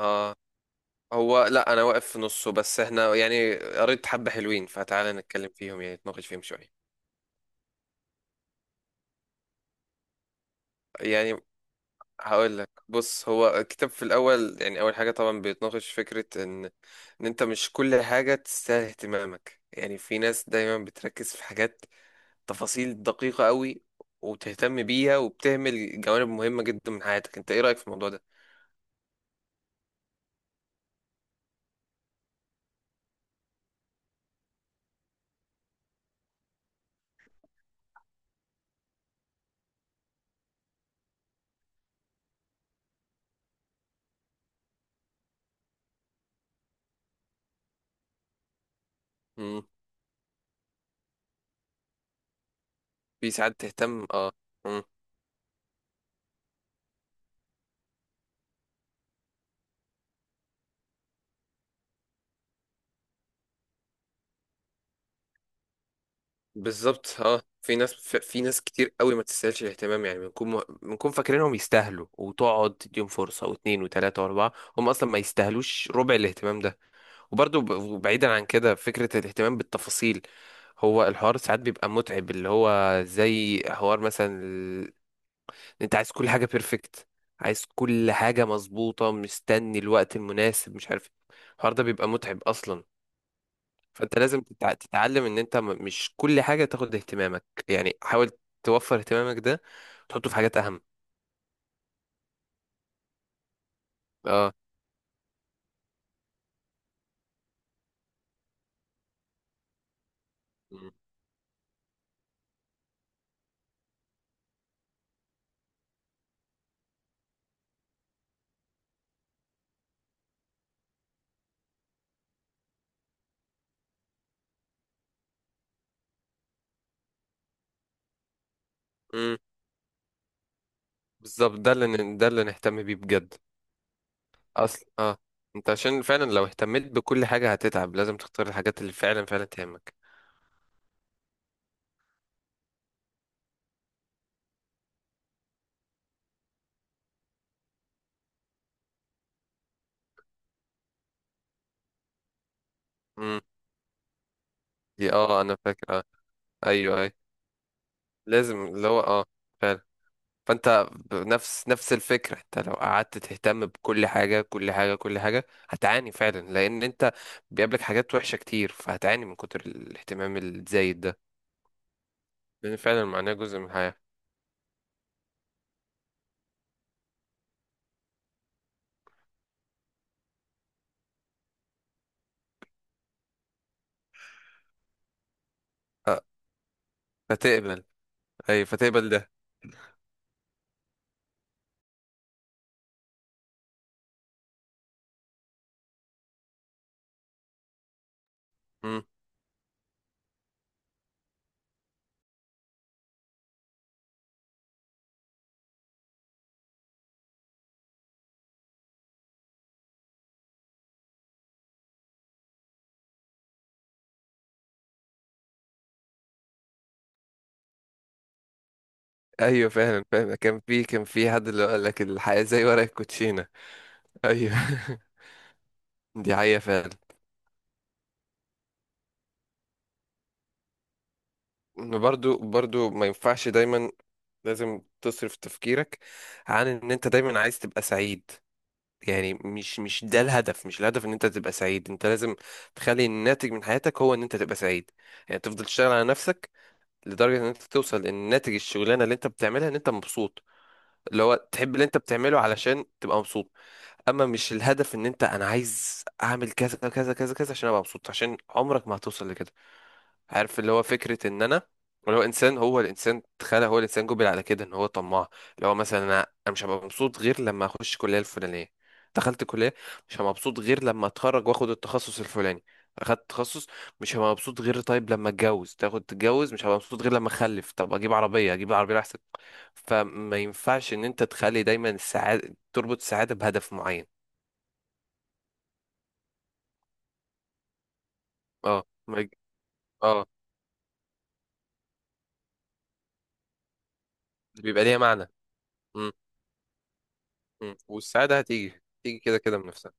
اه، هو لا انا واقف في نصه، بس احنا يعني قريت حبة حلوين، فتعالى نتكلم فيهم يعني نتناقش فيهم شوية. يعني هقول لك بص، هو الكتاب في الاول يعني اول حاجة طبعا بيتناقش فكرة ان ان انت مش كل حاجة تستاهل اهتمامك. يعني في ناس دايما بتركز في حاجات تفاصيل دقيقة قوي وتهتم بيها وبتهمل جوانب مهمة جدا من حياتك. انت ايه رأيك في الموضوع ده؟ امم في ساعات تهتم، بالظبط. اه في ناس، في ناس كتير قوي ما تستاهلش الاهتمام، يعني بنكون فاكرينهم يستاهلوا وتقعد تديهم فرصه واثنين وثلاثه واربعه، هم اصلا ما يستاهلوش ربع الاهتمام ده. وبرضو بعيدا عن كده، فكره الاهتمام بالتفاصيل، هو الحوار ساعات بيبقى متعب، اللي هو زي حوار مثلا انت عايز كل حاجه بيرفكت، عايز كل حاجه مظبوطه، مستني الوقت المناسب، مش عارف إيه. الحوار ده بيبقى متعب اصلا. فانت لازم تتعلم ان انت مش كل حاجه تاخد اهتمامك. يعني حاول توفر اهتمامك ده، تحطه في حاجات اهم. اه. مم. مم. بالظبط، ده اللي ده اللي نهتم بيه بجد. اصل انت عشان فعلا لو اهتميت بكل حاجه هتتعب، لازم تختار الحاجات اللي فعلا فعلا تهمك. مم. دي انا فاكر، ايوه، اي، أيوة. لازم، اللي هو فعلا. فانت بنفس نفس الفكره، انت لو قعدت تهتم بكل حاجه كل حاجه كل حاجه هتعاني فعلا، لان انت بيقابلك حاجات وحشه كتير، فهتعاني من كتر الاهتمام الزايد ده، لان فعلا معناه جزء من الحياه. أه، فتقبل. ايوه، فتقبل ده. مم. ايوه فعلا فعلا، كان في حد اللي قال لك الحياه زي ورق الكوتشينه. ايوه دي حقيقه فعلا. إن برضو برضو ما ينفعش دايما، لازم تصرف تفكيرك عن ان انت دايما عايز تبقى سعيد. يعني مش ده الهدف، مش الهدف ان انت تبقى سعيد، انت لازم تخلي الناتج من حياتك هو ان انت تبقى سعيد. يعني تفضل تشتغل على نفسك لدرجة ان انت توصل ان ناتج الشغلانة اللي انت بتعملها ان انت مبسوط، اللي هو تحب اللي انت بتعمله علشان تبقى مبسوط. اما مش الهدف ان انت، انا عايز اعمل كذا كذا كذا كذا عشان ابقى مبسوط، عشان عمرك ما هتوصل لكده. عارف اللي هو فكرة ان انا، اللي هو انسان، هو الانسان، تخيل، هو الانسان جبل على كده ان هو طماع. اللي هو مثلا، انا أنا مش هبقى مبسوط غير لما اخش الكلية الفلانية. دخلت الكلية، مش هبقى مبسوط غير لما اتخرج واخد التخصص الفلاني. اخدت تخصص، مش هبقى مبسوط غير طيب لما اتجوز. تاخد تتجوز، مش هبقى مبسوط غير لما اخلف. طب اجيب عربية، اجيب العربية احسن. فما ينفعش ان انت تخلي دايما السعادة، تربط السعادة بهدف معين. اه ما يج- اه بيبقى ليها معنى. م- م. والسعادة هتيجي تيجي كده كده من نفسها.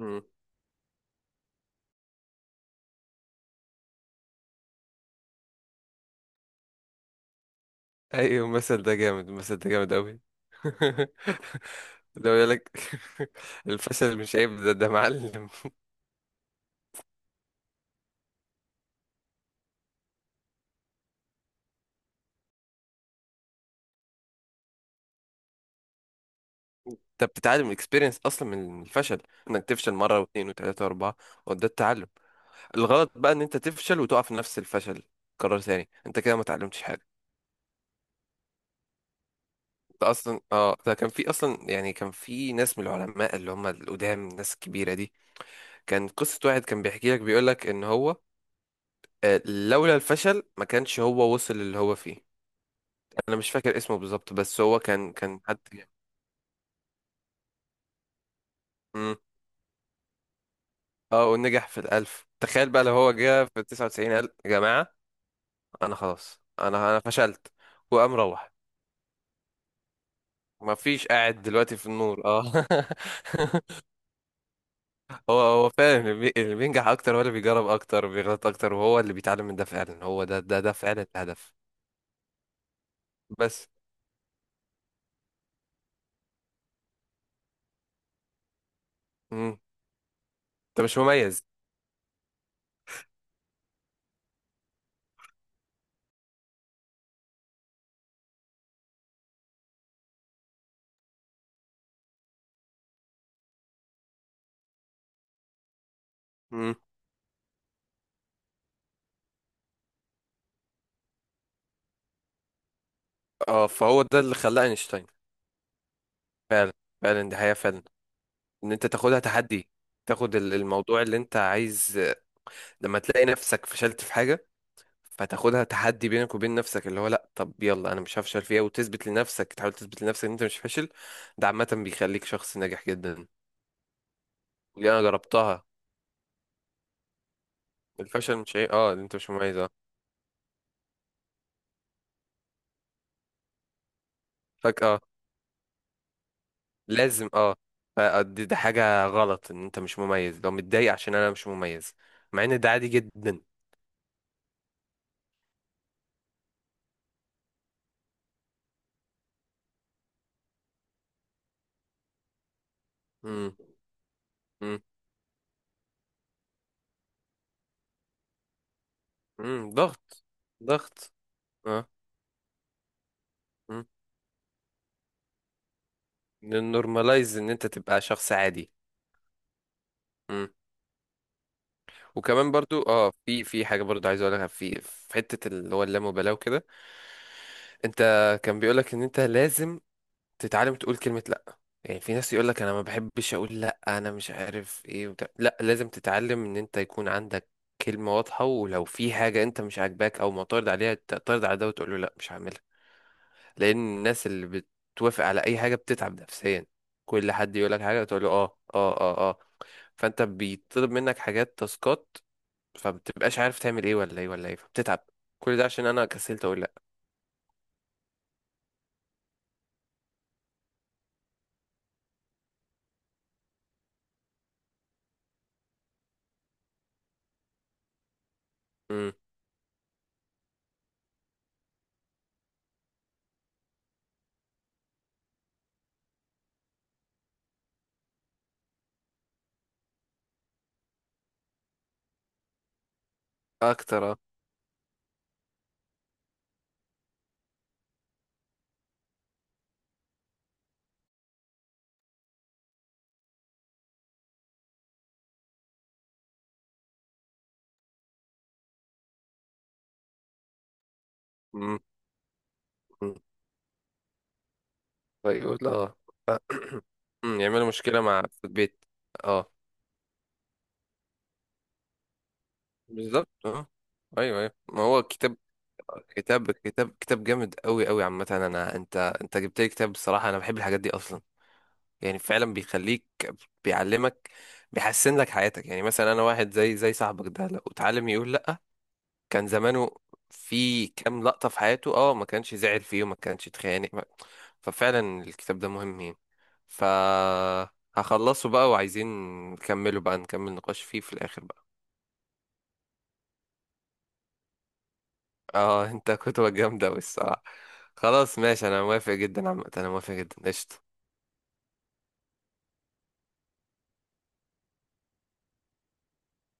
إمم. ايوه المثل ده جامد، المثل ده جامد قوي. لو يقول لك، الفشل مش عيب، ده ده معلم. انت بتتعلم من الاكسبيرينس اصلا، من الفشل، انك تفشل مره واثنين وثلاثه واربعه، وده التعلم. الغلط بقى ان انت تفشل وتقع في نفس الفشل قرار ثاني، انت كده ما اتعلمتش حاجه. ده اصلا ده كان في اصلا، يعني كان في ناس من العلماء اللي هم القدام، الناس الكبيره دي، كان قصه واحد كان بيحكي لك، بيقول لك ان هو، لولا الفشل ما كانش هو وصل اللي هو فيه. انا مش فاكر اسمه بالظبط، بس هو كان كان حد جامد. مم. اه، ونجح في الألف. تخيل بقى لو هو جه في 99، قال يا جماعة أنا خلاص، أنا فشلت وقام روح. ما فيش قاعد دلوقتي في النور. اه هو هو فعلا، اللي بينجح أكتر هو اللي بيجرب أكتر وبيغلط أكتر، وهو اللي بيتعلم من ده. فعلا هو ده، ده فعلا الهدف. بس. مم. أنت مش مميز. مم. اه فهو ده اللي خلاه أينشتاين. فعلا فعلا، دي حقيقة فعلا. إن أنت تاخدها تحدي، تاخد الموضوع اللي انت عايز، لما تلاقي نفسك فشلت في حاجة فتاخدها تحدي بينك وبين نفسك، اللي هو لا، طب يلا انا مش هفشل فيها، وتثبت لنفسك، تحاول تثبت لنفسك ان انت مش فاشل. ده عامة بيخليك شخص ناجح جدا. اللي انا جربتها، الفشل مش عيب، اه، ان انت مش مميز، اه. فجأة لازم، اه، فدي ده حاجة غلط، ان انت مش مميز، لو متضايق عشان انا مش مميز، مع ان ده عادي جدا. امم. امم. امم، ضغط، ضغط. اه. امم، نورماليز ان انت تبقى شخص عادي. إمم. وكمان برضو، اه، في في حاجه برضو عايز اقولها، في في حته اللي هو اللامبالاه وكده. انت، كان بيقولك ان انت لازم تتعلم تقول كلمه لا. يعني في ناس يقولك انا ما بحبش اقول لا، انا مش عارف ايه وبتاع. لا، لازم تتعلم ان انت يكون عندك كلمه واضحه، ولو في حاجه انت مش عاجباك او معترض عليها، تعترض على ده وتقول له لا مش هعملها. لان الناس اللي بتوافق على اي حاجه بتتعب نفسيا. كل حد يقولك حاجه تقول له اه اه اه اه، فانت بيطلب منك حاجات تاسكات فبتبقاش عارف تعمل ايه ولا ايه ولا ايه، فبتتعب. كل ده عشان انا كسلت اقول لا. امم. اكتر، اه. امم. أمم. فيقول اه. ف- أمم، يعملوا مشكلة مع، في البيت. اه بالظبط، اه. ايوه ايوه. ما هو كتاب، كتاب جامد قوي قوي عامة. انا انت، انت جبت لي كتاب، بصراحة انا بحب الحاجات دي اصلا. يعني فعلا بيخليك، بيعلمك، بيحسن لك حياتك. يعني مثلا انا واحد زي زي صاحبك ده، لو اتعلم يقول لا كان زمانه، في كام لقطة في حياته اه ما كانش زعل فيه وما كانش اتخانق ففعلا الكتاب ده مهم يعني. ف، هخلصه بقى وعايزين نكمله بقى، نكمل نقاش فيه في الآخر بقى. اه انت كتبة جامدة أوي الصراحة. خلاص ماشي، انا موافق جدا عامة، انا موافق جدا، قشطة.